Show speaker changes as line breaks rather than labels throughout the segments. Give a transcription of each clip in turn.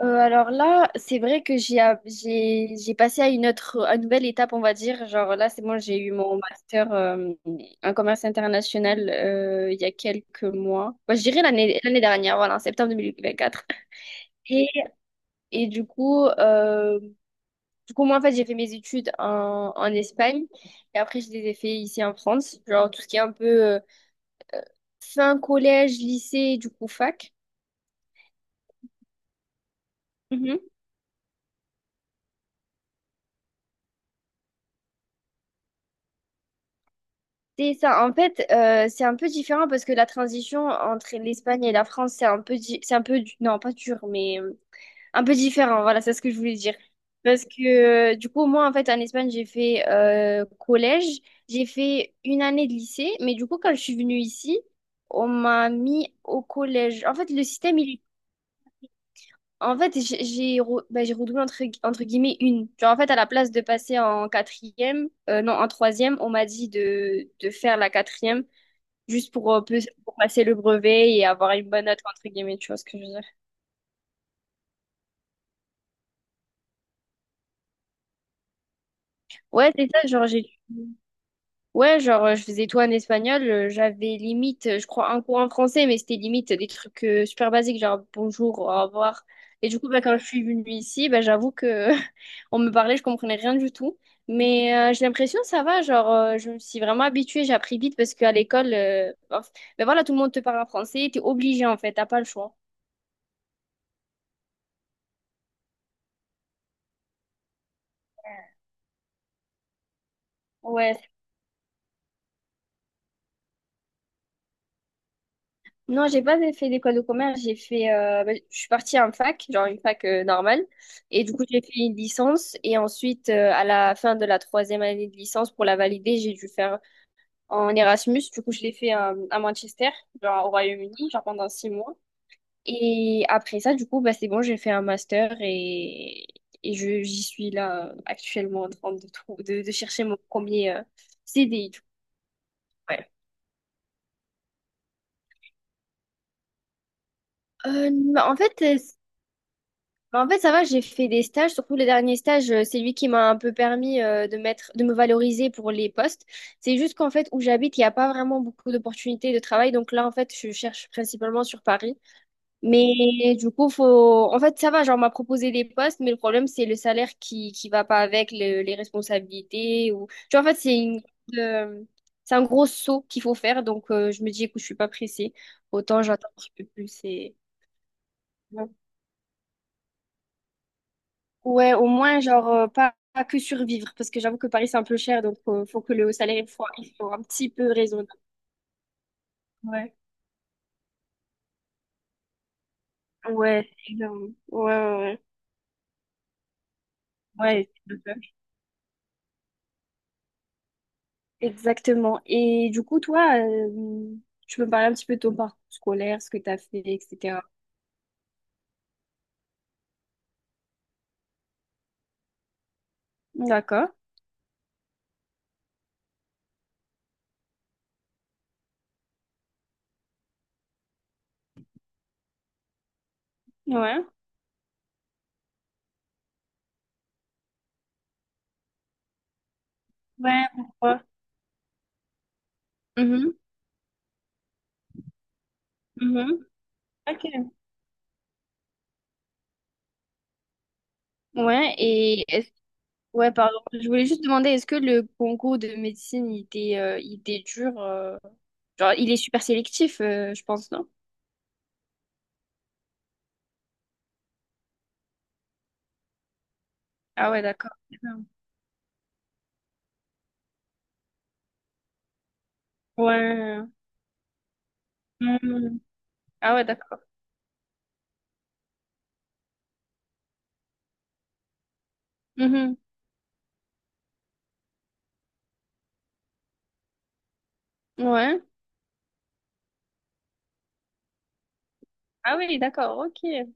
Alors là, c'est vrai que j'ai a- j'ai j'ai passé à une nouvelle étape, on va dire. Genre là, c'est bon, j'ai eu mon master en commerce international il y a quelques mois. Bah, je dirais l'année dernière, voilà, en septembre 2024. Et, et du coup, moi en fait, j'ai fait mes études en Espagne et après je les ai fait ici en France. Genre tout ce qui est un peu fin collège, lycée, du coup fac. C'est ça. En fait, c'est un peu différent parce que la transition entre l'Espagne et la France, c'est un peu, non, pas dur, mais un peu différent. Voilà, c'est ce que je voulais dire. Parce que du coup, moi, en fait, en Espagne, j'ai fait collège, j'ai fait une année de lycée, mais du coup, quand je suis venue ici, on m'a mis au collège. En fait, en fait, j'ai redoublé entre, entre guillemets une. Genre, en fait, à la place de passer en quatrième, non, en troisième, on m'a dit de faire la quatrième juste pour passer le brevet et avoir une bonne note, entre guillemets, tu vois ce que je veux dire. Ouais, c'est ça, genre, j'ai... Ouais, genre, je faisais tout en espagnol, j'avais limite, je crois, un cours en français, mais c'était limite des trucs super basiques, genre, bonjour, au revoir. Et du coup, bah, quand je suis venue ici, bah, j'avoue que on me parlait, je comprenais rien du tout. Mais j'ai l'impression ça va, genre je me suis vraiment habituée, j'ai appris vite parce qu'à l'école, bah, ben voilà, tout le monde te parle en français, t'es obligé en fait, t'as pas le choix. Ouais, non, j'ai pas fait d'école de commerce. Je suis partie en fac, genre une fac normale. Et du coup, j'ai fait une licence. Et ensuite, à la fin de la troisième année de licence, pour la valider, j'ai dû faire en Erasmus. Du coup, je l'ai fait à Manchester, genre au Royaume-Uni, genre pendant 6 mois. Et après ça, du coup, bah, c'est bon, j'ai fait un master et j'y suis là actuellement en train de chercher mon premier CDI du coup. Ouais. Euh, bah, en fait, euh, En fait, ça va, j'ai fait des stages, surtout les derniers stages, c'est lui qui m'a un peu permis de me valoriser pour les postes. C'est juste qu'en fait, où j'habite, il n'y a pas vraiment beaucoup d'opportunités de travail. Donc là, en fait, je cherche principalement sur Paris. Mais du coup, faut... en fait, ça va, genre, on m'a proposé des postes, mais le problème, c'est le salaire qui va pas avec les responsabilités. Ou... Tu vois, en fait, euh, c'est un gros saut qu'il faut faire. Donc, je me dis, écoute, je suis pas pressée. Autant j'attends un petit peu plus. Et... ouais. Ouais, au moins, genre, pas que survivre, parce que j'avoue que Paris, c'est un peu cher, donc faut que le salaire il soit un petit peu raisonnable. Ouais, ouais, évidemment. Ouais, ouais, ouais. Ouais, c'est le faire. Exactement. Et du coup, toi, tu peux me parler un petit peu de ton parcours scolaire, ce que tu as fait, etc. D'accord, ouais. Ouais, pourquoi? Mhm, mhm. Ok. Ouais, et ouais, pardon. Je voulais juste demander, est-ce que le concours de médecine, il était dur? Genre, il est super sélectif, je pense, non? Ah ouais, d'accord. Ouais. Mhm. Ah ouais, d'accord. Mhm. Ouais. Ah oui, d'accord, ok.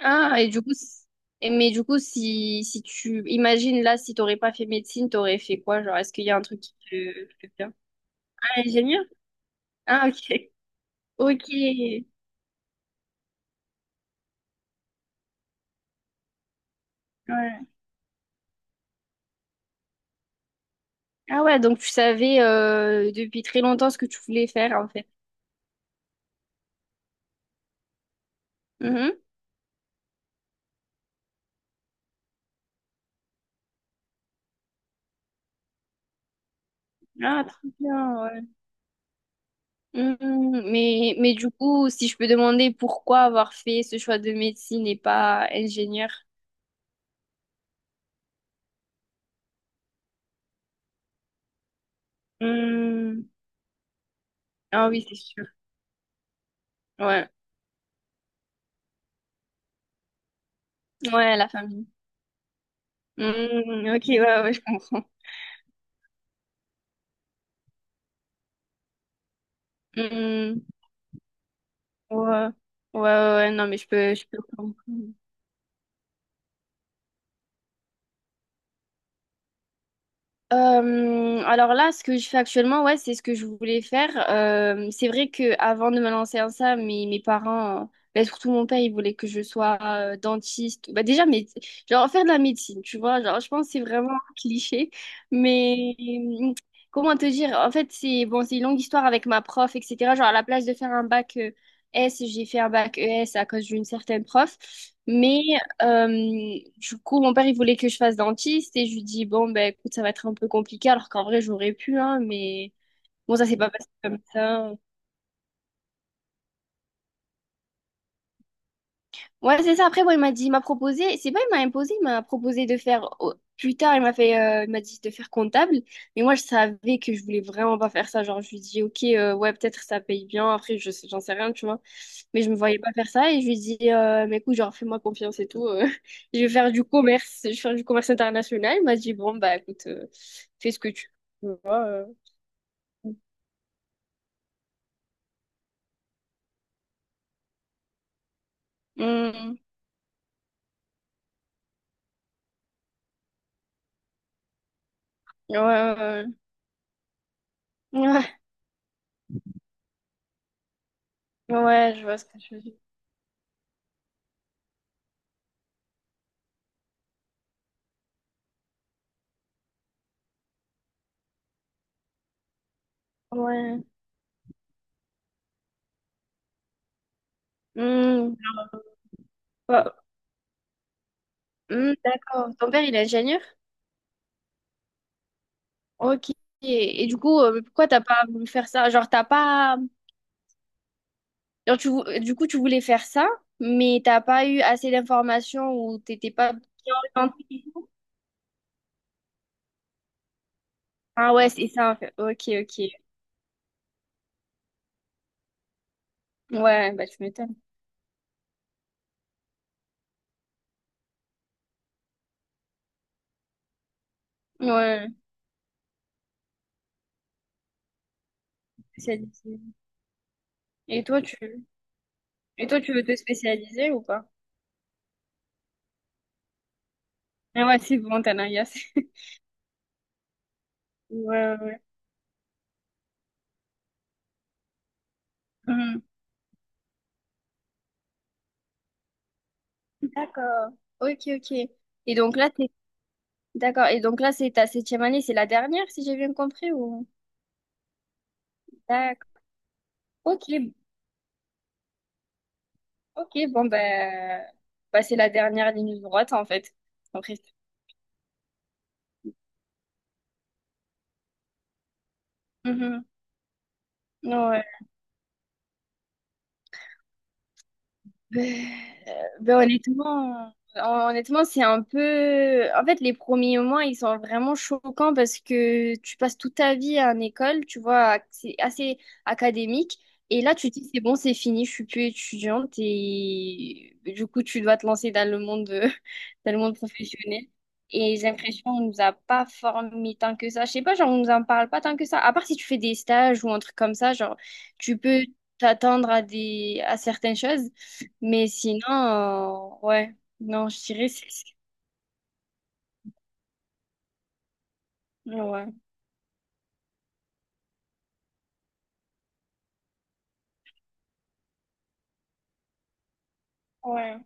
Ah, et du coup, et mais du coup, si tu imagines là, si t'aurais pas fait médecine, t'aurais fait quoi? Genre, est-ce qu'il y a un truc qui te plaît bien? Ah, ingénieur? Ah, ok. Ok. Ouais. Ah ouais, donc tu savais depuis très longtemps ce que tu voulais faire en fait. Mhm. Ah, très bien. Hmm, mais du coup, si je peux demander pourquoi avoir fait ce choix de médecine et pas ingénieur? Hmm, ah oui, c'est sûr. Ouais, ouais, la famille. Hmm, ok, ouais, ouais, je comprends. Hmm, ouais, ouais, ouais, ouais, non, mais je peux comprendre. Alors là, ce que je fais actuellement, ouais, c'est ce que je voulais faire. C'est vrai que avant de me lancer en ça, mes parents, ben, surtout mon père, il voulait que je sois dentiste. Bah, déjà, mais, genre faire de la médecine, tu vois. Genre, je pense que c'est vraiment un cliché. Mais comment te dire? En fait, c'est bon, c'est une longue histoire avec ma prof, etc. Genre, à la place de faire un bac S, j'ai fait un bac ES à cause d'une certaine prof. Mais du coup, mon père, il voulait que je fasse dentiste et je lui dis, bon, ben écoute, ça va être un peu compliqué, alors qu'en vrai, j'aurais pu, hein, mais bon, ça s'est pas passé comme ça. Ouais, c'est ça. Après, bon, il m'a dit, il m'a proposé, c'est pas il m'a imposé, il m'a proposé de faire, plus tard, il m'a dit de faire comptable. Mais moi, je savais que je voulais vraiment pas faire ça. Genre, je lui dis, ok, ouais, peut-être ça paye bien. Après, j'en sais rien, tu vois. Mais je me voyais pas faire ça. Et je lui dis, mais écoute, genre, fais-moi confiance et tout. Je vais faire du commerce, je vais faire du commerce international. Il m'a dit, bon, bah, écoute, fais ce que tu veux. Hmm. Ouais, ouais, ouais. Ouais, ouais, je vois ce que tu veux dire. Ouais. Hmm. Hmm, d'accord. Ton père, il est ingénieur? Ok. Et du coup, pourquoi t'as pas voulu faire ça? Genre, t'as pas... Genre, du coup, tu voulais faire ça, mais t'as pas eu assez d'informations ou t'étais pas bien orientée. Ah ouais, c'est ça, en fait. Ok, ok. Ouais, bah tu m'étonnes. Ouais, spécialisé. Et toi, tu... Et toi, tu veux te spécialiser ou pas? Ah ouais, c'est bon, t'as l'air Ouais, ouais. Mhm. D'accord. Ok, ok. Et donc là, t'es... D'accord. Et donc là, c'est ta septième année, c'est la dernière, si j'ai bien compris, ou... D'accord. Ok, ok, bon, ben, bah, c'est la dernière ligne droite, en fait. Après. Mhm. Ouais. Ben, honnêtement, honnêtement, c'est un peu... En fait, les premiers moments, ils sont vraiment choquants parce que tu passes toute ta vie à une école, tu vois, c'est assez académique. Et là, tu te dis, c'est bon, c'est fini, je suis plus étudiante. Et ben, du coup, tu dois te lancer dans le monde, dans le monde professionnel. Et j'ai l'impression qu'on nous a pas formés tant que ça. Je sais pas, genre, on nous en parle pas tant que ça. À part si tu fais des stages ou un truc comme ça, genre, tu peux t'attendre à certaines choses. Mais sinon, ouais, non, je dirais c'est... ça. Ouais, ouais,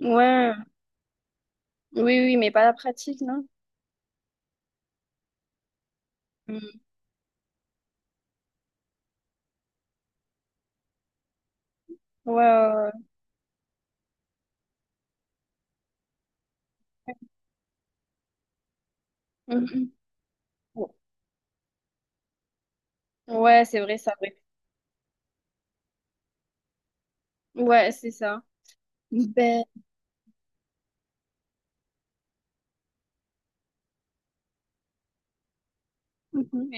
ouais, oui, oui, mais pas la pratique, non? Mm. Ouais, ouais, ouais. Mhm. Ouais, c'est vrai, ça, vrai. Ouais, c'est ça. Ben, mhm.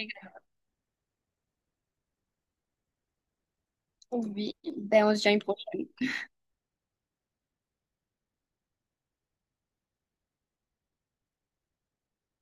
Oui, ben, on se dit à une prochaine.